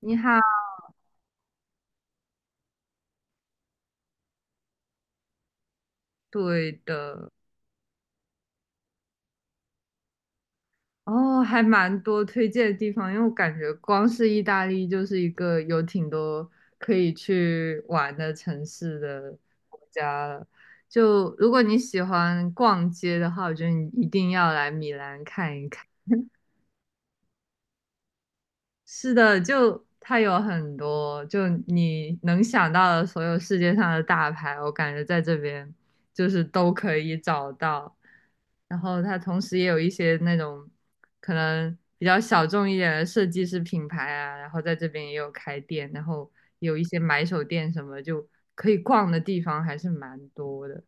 你好，对的，哦，还蛮多推荐的地方，因为我感觉光是意大利就是一个有挺多可以去玩的城市的国家了。就如果你喜欢逛街的话，我觉得你一定要来米兰看一看。是的，就它有很多，就你能想到的所有世界上的大牌，我感觉在这边就是都可以找到。然后它同时也有一些那种可能比较小众一点的设计师品牌啊，然后在这边也有开店，然后有一些买手店什么，就可以逛的地方还是蛮多的。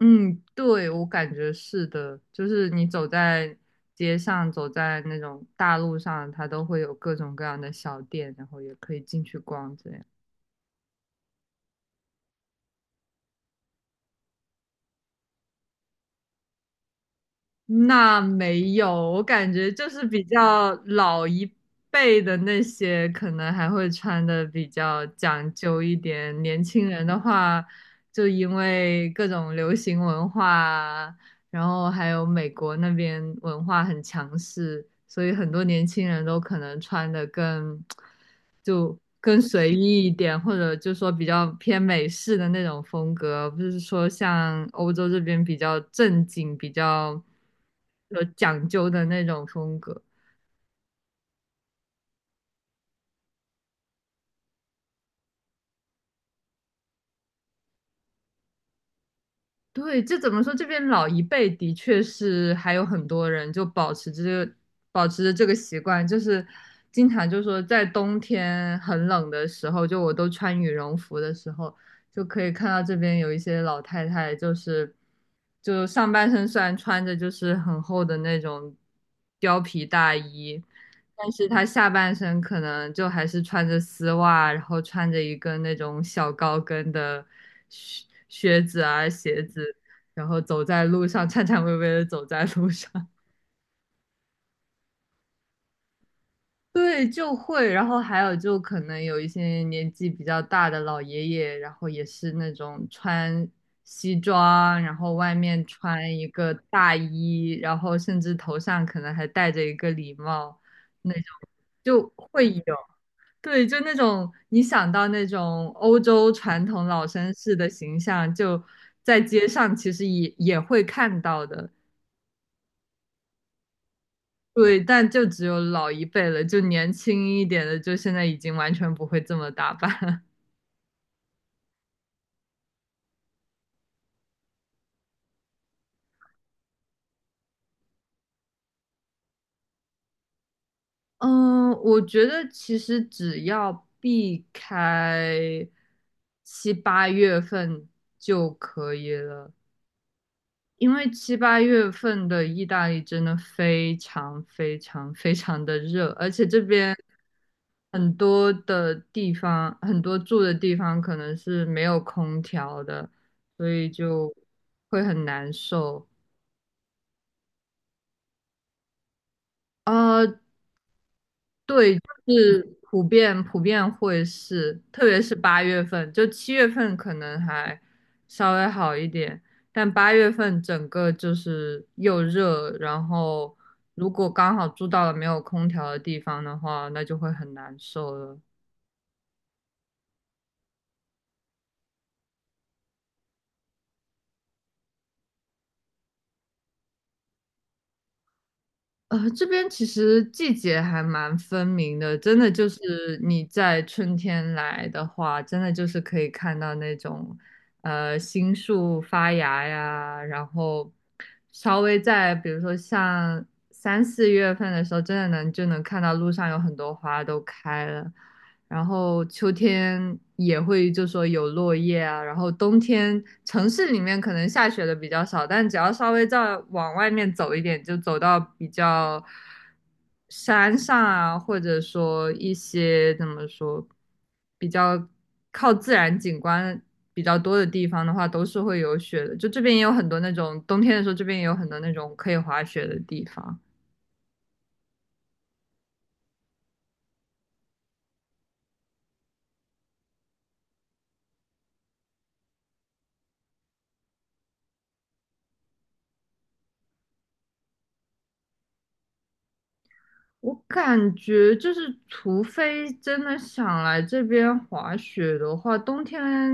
嗯，对，我感觉是的，就是你走在街上，走在那种大路上，它都会有各种各样的小店，然后也可以进去逛这样。那没有，我感觉就是比较老一辈的那些，可能还会穿的比较讲究一点。年轻人的话，就因为各种流行文化啊然后还有美国那边文化很强势，所以很多年轻人都可能穿的更就更随意一点，或者就说比较偏美式的那种风格，不是说像欧洲这边比较正经、比较有讲究的那种风格。对，这怎么说？这边老一辈的确是还有很多人就保持着这个习惯，就是经常就说在冬天很冷的时候，就我都穿羽绒服的时候，就可以看到这边有一些老太太，就是就上半身虽然穿着就是很厚的那种貂皮大衣，但是他下半身可能就还是穿着丝袜，然后穿着一个那种小高跟的靴子啊鞋子，然后走在路上颤颤巍巍的走在路上。对，就会，然后还有就可能有一些年纪比较大的老爷爷，然后也是那种穿西装，然后外面穿一个大衣，然后甚至头上可能还戴着一个礼帽，那种就会有。对，就那种你想到那种欧洲传统老绅士的形象，就在街上其实也会看到的。对，但就只有老一辈了，就年轻一点的，就现在已经完全不会这么打扮。嗯，我觉得其实只要避开七八月份就可以了。因为七八月份的意大利真的非常非常非常的热，而且这边很多的地方，很多住的地方可能是没有空调的，所以就会很难受。啊。对，就是普遍会是，特别是八月份，就七月份可能还稍微好一点，但八月份整个就是又热，然后如果刚好住到了没有空调的地方的话，那就会很难受了。这边其实季节还蛮分明的，真的就是你在春天来的话，真的就是可以看到那种，新树发芽呀，然后稍微在比如说像3、4月份的时候，真的能就能看到路上有很多花都开了，然后秋天也会就说有落叶啊，然后冬天城市里面可能下雪的比较少，但只要稍微再往外面走一点，就走到比较山上啊，或者说一些怎么说比较靠自然景观比较多的地方的话，都是会有雪的。就这边也有很多那种冬天的时候，这边也有很多那种可以滑雪的地方。我感觉就是，除非真的想来这边滑雪的话，冬天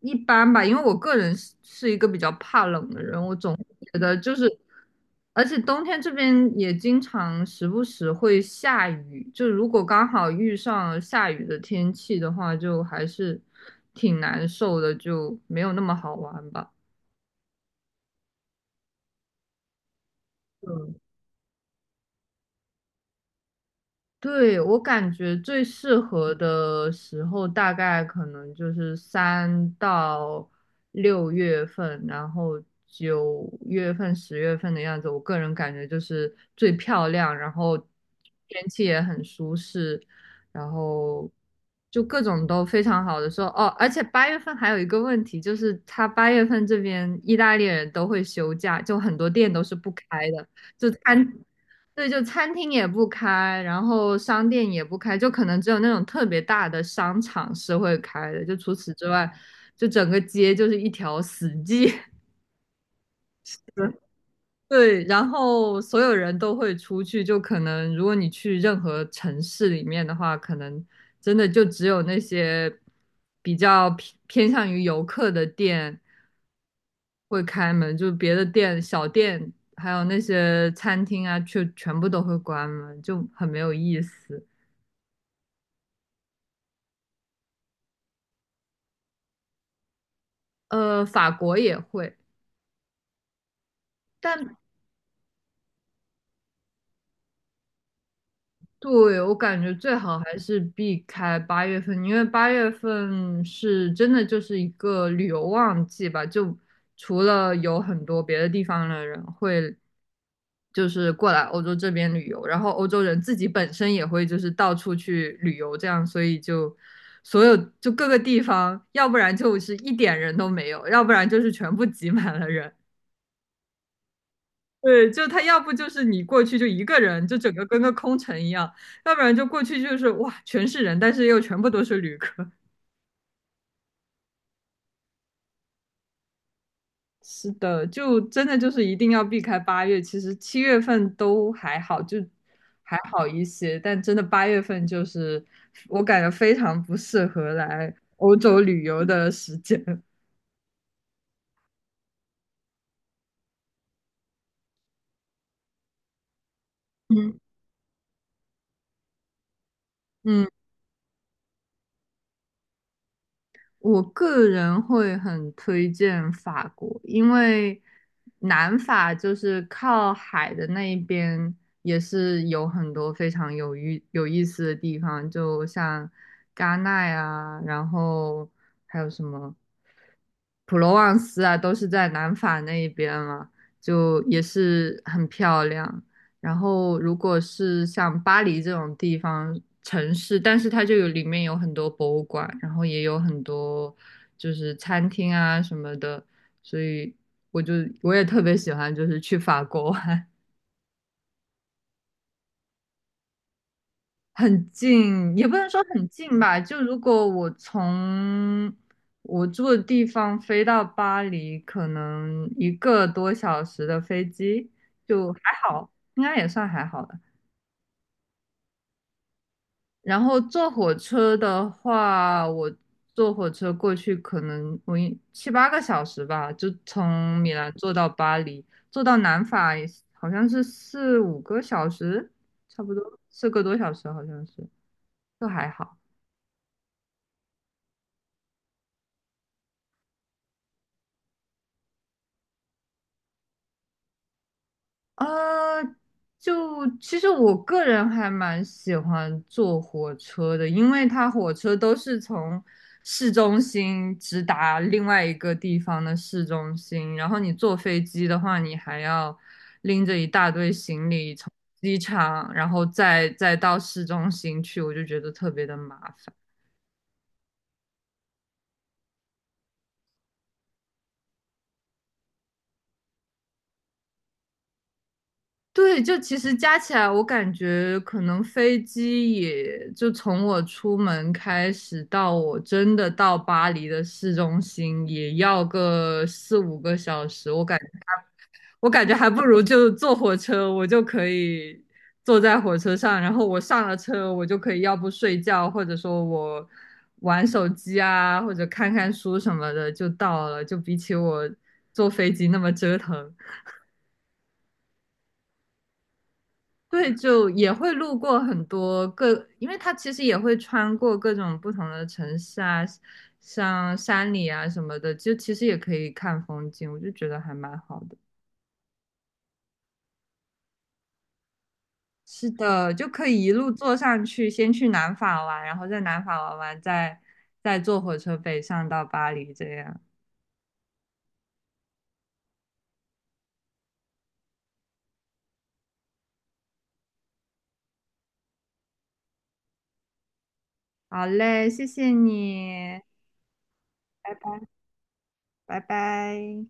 一般吧，因为我个人是一个比较怕冷的人，我总觉得就是，而且冬天这边也经常时不时会下雨，就如果刚好遇上了下雨的天气的话，就还是挺难受的，就没有那么好玩吧。嗯。对，我感觉最适合的时候大概可能就是3到6月份，然后9月份、10月份的样子。我个人感觉就是最漂亮，然后天气也很舒适，然后就各种都非常好的时候。哦，而且八月份还有一个问题，就是他八月份这边意大利人都会休假，就很多店都是不开的，就餐对，就餐厅也不开，然后商店也不开，就可能只有那种特别大的商场是会开的，就除此之外，就整个街就是一条死街。对，然后所有人都会出去，就可能如果你去任何城市里面的话，可能真的就只有那些比较偏向于游客的店会开门，就别的店、小店，还有那些餐厅啊，却全部都会关门，就很没有意思。法国也会，但对，我感觉最好还是避开八月份，因为八月份是真的就是一个旅游旺季吧，就除了有很多别的地方的人会就是过来欧洲这边旅游，然后欧洲人自己本身也会就是到处去旅游，这样，所以就所有就各个地方，要不然就是一点人都没有，要不然就是全部挤满了人。对，就他要不就是你过去就一个人，就整个跟个空城一样；要不然就过去就是哇，全是人，但是又全部都是旅客。是的，就真的就是一定要避开八月。其实七月份都还好，就还好一些，但真的八月份就是我感觉非常不适合来欧洲旅游的时间。嗯嗯。我个人会很推荐法国，因为南法就是靠海的那一边，也是有很多非常有意思的地方，就像戛纳啊，然后还有什么普罗旺斯啊，都是在南法那一边嘛，就也是很漂亮。然后如果是像巴黎这种地方城市，但是它就有里面有很多博物馆，然后也有很多就是餐厅啊什么的，所以我就我也特别喜欢就是去法国玩。很近，也不能说很近吧。就如果我从我住的地方飞到巴黎，可能一个多小时的飞机，就还好，应该也算还好的。然后坐火车的话，坐火车过去，可能我7、8个小时吧，就从米兰坐到巴黎，坐到南法也是好像是四五个小时，差不多4个多小时，好像是，就还好。啊，就其实我个人还蛮喜欢坐火车的，因为它火车都是从市中心直达另外一个地方的市中心，然后你坐飞机的话，你还要拎着一大堆行李从机场，然后再到市中心去，我就觉得特别的麻烦。对，就其实加起来，我感觉可能飞机也就从我出门开始到我真的到巴黎的市中心，也要个四五个小时。我感觉还不如就坐火车，我就可以坐在火车上，然后我上了车，我就可以要不睡觉，或者说我玩手机啊，或者看看书什么的就到了，就比起我坐飞机那么折腾。对，就也会路过很多各，因为它其实也会穿过各种不同的城市啊，像山里啊什么的，就其实也可以看风景，我就觉得还蛮好的。是的，就可以一路坐上去，先去南法玩，然后在南法玩完，再坐火车北上到巴黎这样。好嘞，谢谢你，拜拜，拜拜。